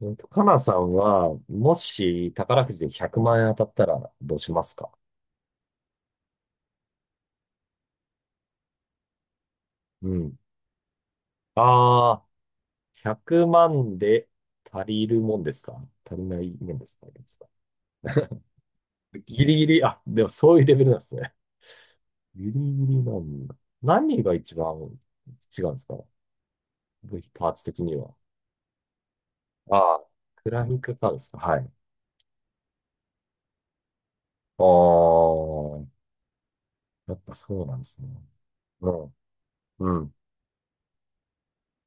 かなさんは、もし宝くじで100万円当たったらどうしますか？うん。ああ、100万で足りるもんですか？足りないもんですか？ギリギリ、あ、でもそういうレベルなんですね。ギリギリなんだ。何が一番違うんですか？部品パーツ的には。ああ、クラニックカーですか？はい。ああ、やっぱそうなんですね。うん、うん。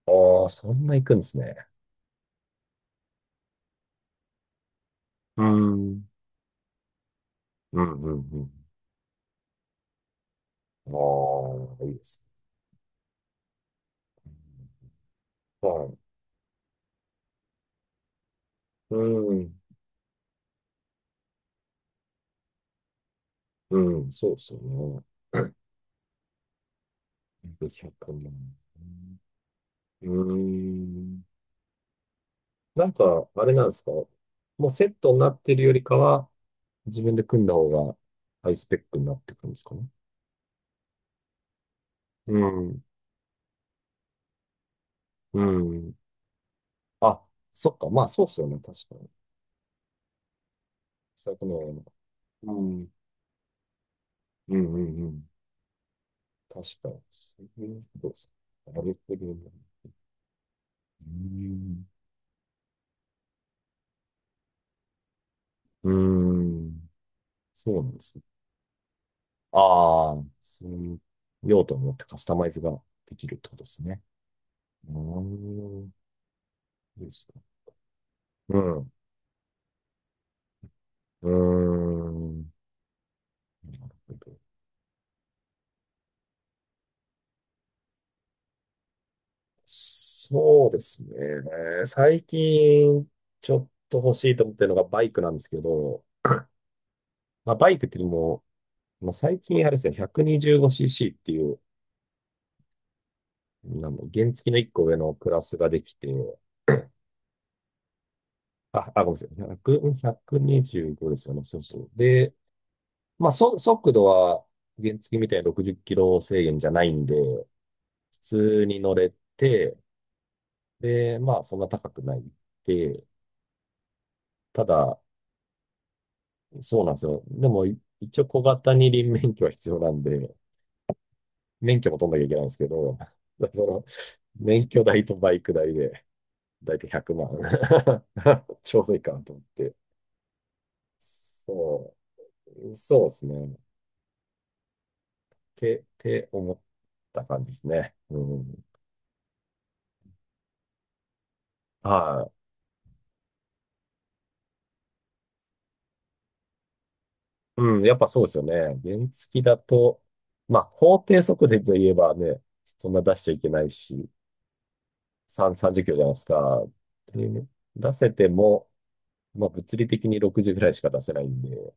ああ、そんな行くんですね。うん、うん、うん、うん。ああ、いいですね。はい。うん。うん、そうですよね。万。うーん。なんか、あれなんですか？もうセットになってるよりかは、自分で組んだ方がハイスペックになってくるんですかね？うん。うん。あ、そっか。まあ、そうっすよね。確かに。最後のううん。うん、うん、うん。確かに。そういうことですか？なるほどね。うん。うん。そうなんですね。ああ、そういう用途によってカスタマイズができるってことですね。うーん、いいですね。うん、うーん。なるほど。そうですね。最近、ちょっと欲しいと思ってるのがバイクなんですけど、まあ、バイクっていうのも、まあ、最近あれですね、125cc っていう、なんだ原付の1個上のクラスができて、あ、あ、ごめんなさい。100、125ですよね。そうそう。で、まあ、速度は原付みたいに60キロ制限じゃないんで、普通に乗れて、で、まあ、そんな高くないで、ただ、そうなんですよ。でも、い一応小型二輪免許は必要なんで、免許も取んなきゃいけないんですけど、その、免許代とバイク代で、だいたい100万 ちょうどい いかなと思って。そう、そうですね。って思った感じですね。うん。はい。うん、やっぱそうですよね。原付だと、まあ、法定速度といえばね、そんな出しちゃいけないし、3、30キロじゃないですか。で、出せても、まあ、物理的に60ぐらいしか出せないんで、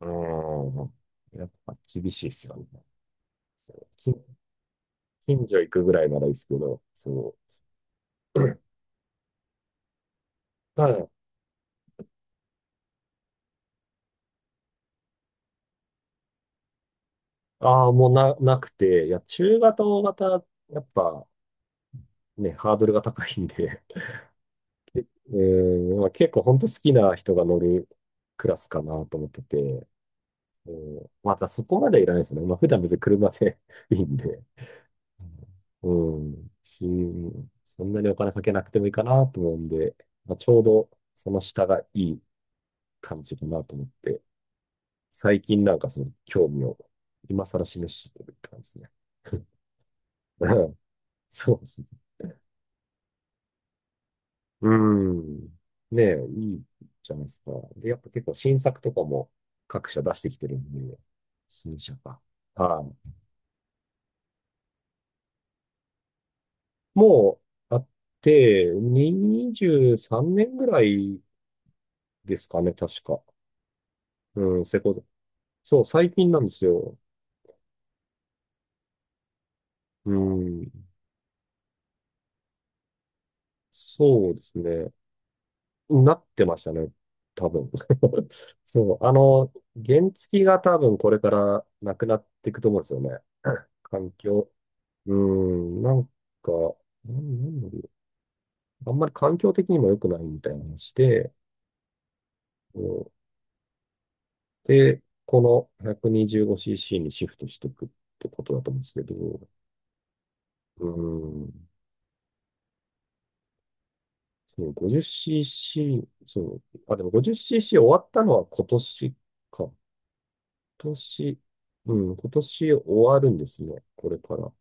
うん、やっぱ厳しいですよね。そう近所行くぐらいならいいですけど、そう。ただ、ああ、もうなくて、いや、中型、大型、やっぱね、ハードルが高いんで、まあ、結構本当好きな人が乗るクラスかなと思ってて、うんまたそこまでいらないですよね。まあ、普段別に車で いいんで、うん、し、そんなにお金かけなくてもいいかなと思うんで、まあ、ちょうどその下がいい感じかなと思って、最近なんかその興味を今更示してるって感じですね。うんそうですねうん。ねえ、いいじゃないですか。で、やっぱ結構新作とかも各社出してきてるんで、新車か。はい。もうあって、23年ぐらいですかね、確か。うん、そう、最近なんですよ。うん、そうですね。なってましたね、多分。そう、あの、原付が多分これからなくなっていくと思うんですよね。環境、うん、なんか、なんなんだろう。あんまり環境的にも良くないみたいな話で、うんで、この 125cc にじゅうごシーシーにシフトしていくってことだと思うんですけど、うん、そう 50cc、そう、あ、でも 50cc 終わったのは今年か。今年、うん、今年終わるんですね。これから。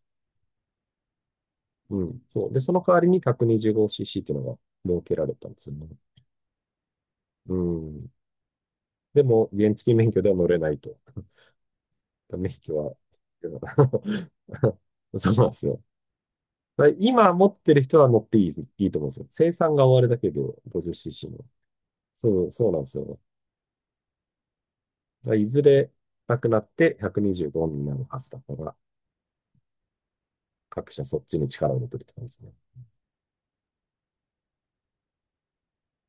うん、そう。で、その代わりに 125cc っていうのが設けられたんですよね。うん。でも、原付免許では乗れないと。ダメ引きは。そうなんですよ。だから今持ってる人は乗っていいと思うんですよ。生産が終わるだけで 50cc の。そう、そうなんですよ。だからいずれなくなって125にじゅうごになるはずだから、各社そっちに力を入てるって感じですね。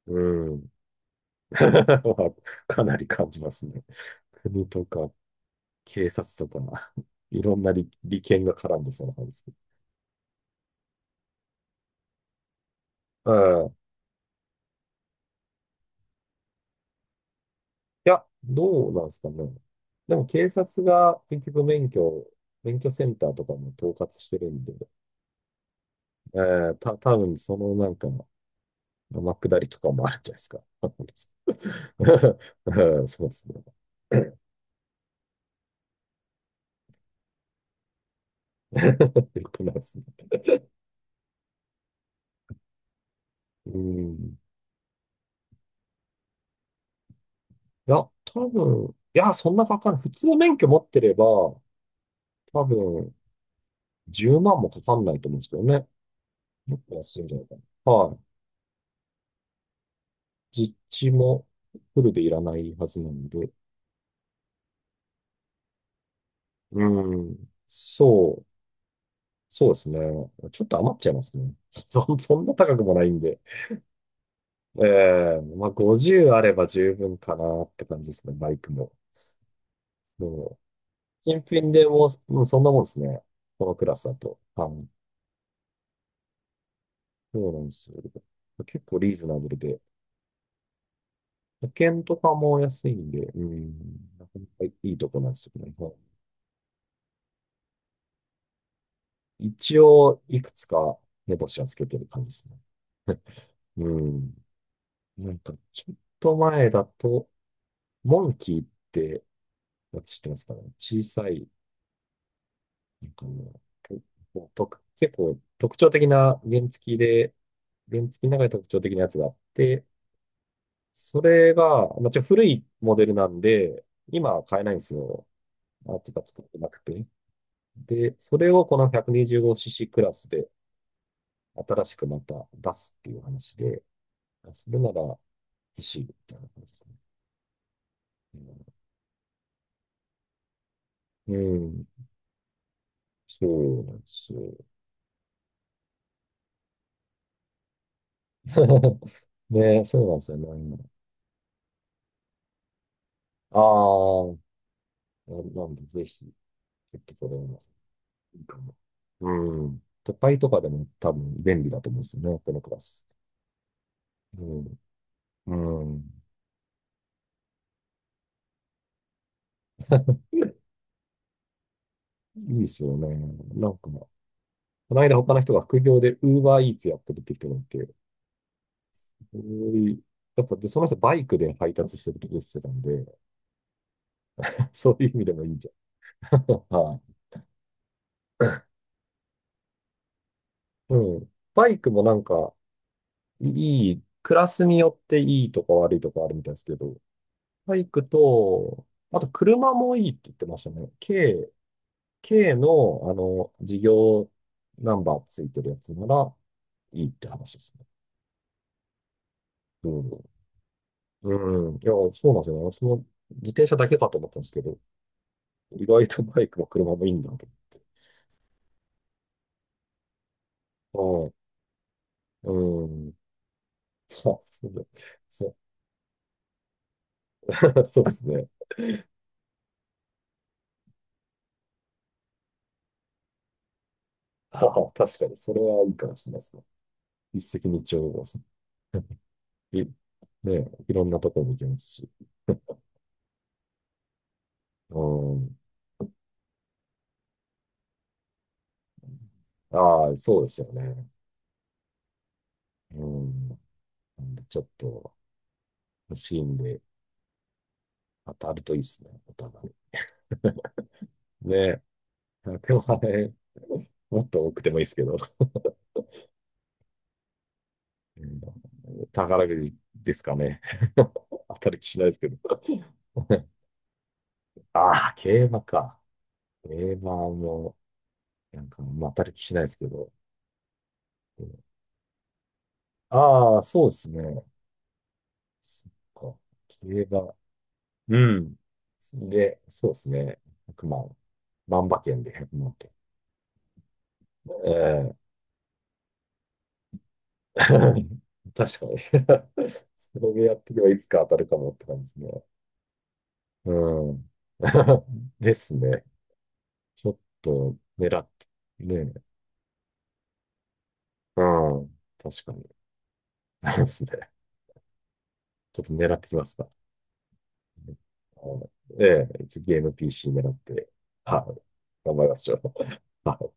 うーん。かなり感じますね。国とか警察とか、いろんな利権が絡んでそうな感じですね。うん。いや、どうなんですかね。でも警察が結局免許センターとかも統括してるんで、多分そのなんか、天下りとかもあるんじゃないですか？わかんないです うんそうですね。よくないですね。うん。いや、多分、いや、そんなかかんない。普通の免許持ってれば、多分、10万もかかんないと思うんですけどね。もっと安いんじゃないかな。はい。実地もフルでいらないはずなんで。うん。そう。そうですね。ちょっと余っちゃいますね。そんな高くもないんで。ええまあ50あれば十分かなって感じですね、バイクも。もう、新品でもう、うんそんなもんですね。このクラスだと。はい。そうなんですよ。結構リーズナブルで。保険とかも安いんで、うん、なかなかいいとこなんですよね。はい一応、いくつか目星はつけてる感じですね。うん。なんか、ちょっと前だと、モンキーって私知ってますかね？小さい、なんかもう、とと結構特徴的な原付きで、原付きの中で特徴的なやつがあって、それが、まあ、古いモデルなんで、今は買えないんですよ。まあつが作ってなくて。で、それをこの 125cc クラスで新しくまた出すっていう話で、それなら欲しいみたいな感じですね。うん、うんそうなんですよ。ね、そうなんですよね。ああ、なんで、ぜひ、ちょっとこれはいいかも。うん。都会とかでも多分便利だと思うんですよね、このクラス。うん。うん。いいですよね。なんか、この間他の人が副業で UberEats やってるって人がいて、おいやっぱで、その人バイクで配達してるってしてたんで、そういう意味でもいいじゃん。はい。うん。バイクもなんか、いい、クラスによっていいとか悪いとかあるみたいですけど、バイクと、あと車もいいって言ってましたね。K の、あの、事業ナンバーついてるやつならいいって話ですね。うん。うん。いや、そうなんですよね。私も自転車だけかと思ったんですけど、意外とバイクも車もいいんだと思って。はい。うん。あ、そうだ。そう、そうですね。ああ、確かに、それはいいかもしれないですね。一石二鳥ですね。いね、いろんなところに行けますし。うん。ああ、そうですよね。うん。なんで、ちょっと欲しいんで、当たるといいですね、お互い。ねえ、100もっと多くてもいいですけど、うん宝くじですかね。当たる気しないですけど。ああ、競馬か。競馬も、なんか、まあ、当たる気しないですけど。ああ、そうですね。そっか。競馬。うん。で、そうですね。100万。万馬券で1万ええ 確かに それでやっていけばいつか当たるかもって感じですね。うん。ですね。ちょっと狙って、ねえ。うん。確かに。そうですね。ちょっと狙ってきますか？うんええ、一応ゲーム PC 狙って、はい。頑張りましょう。はい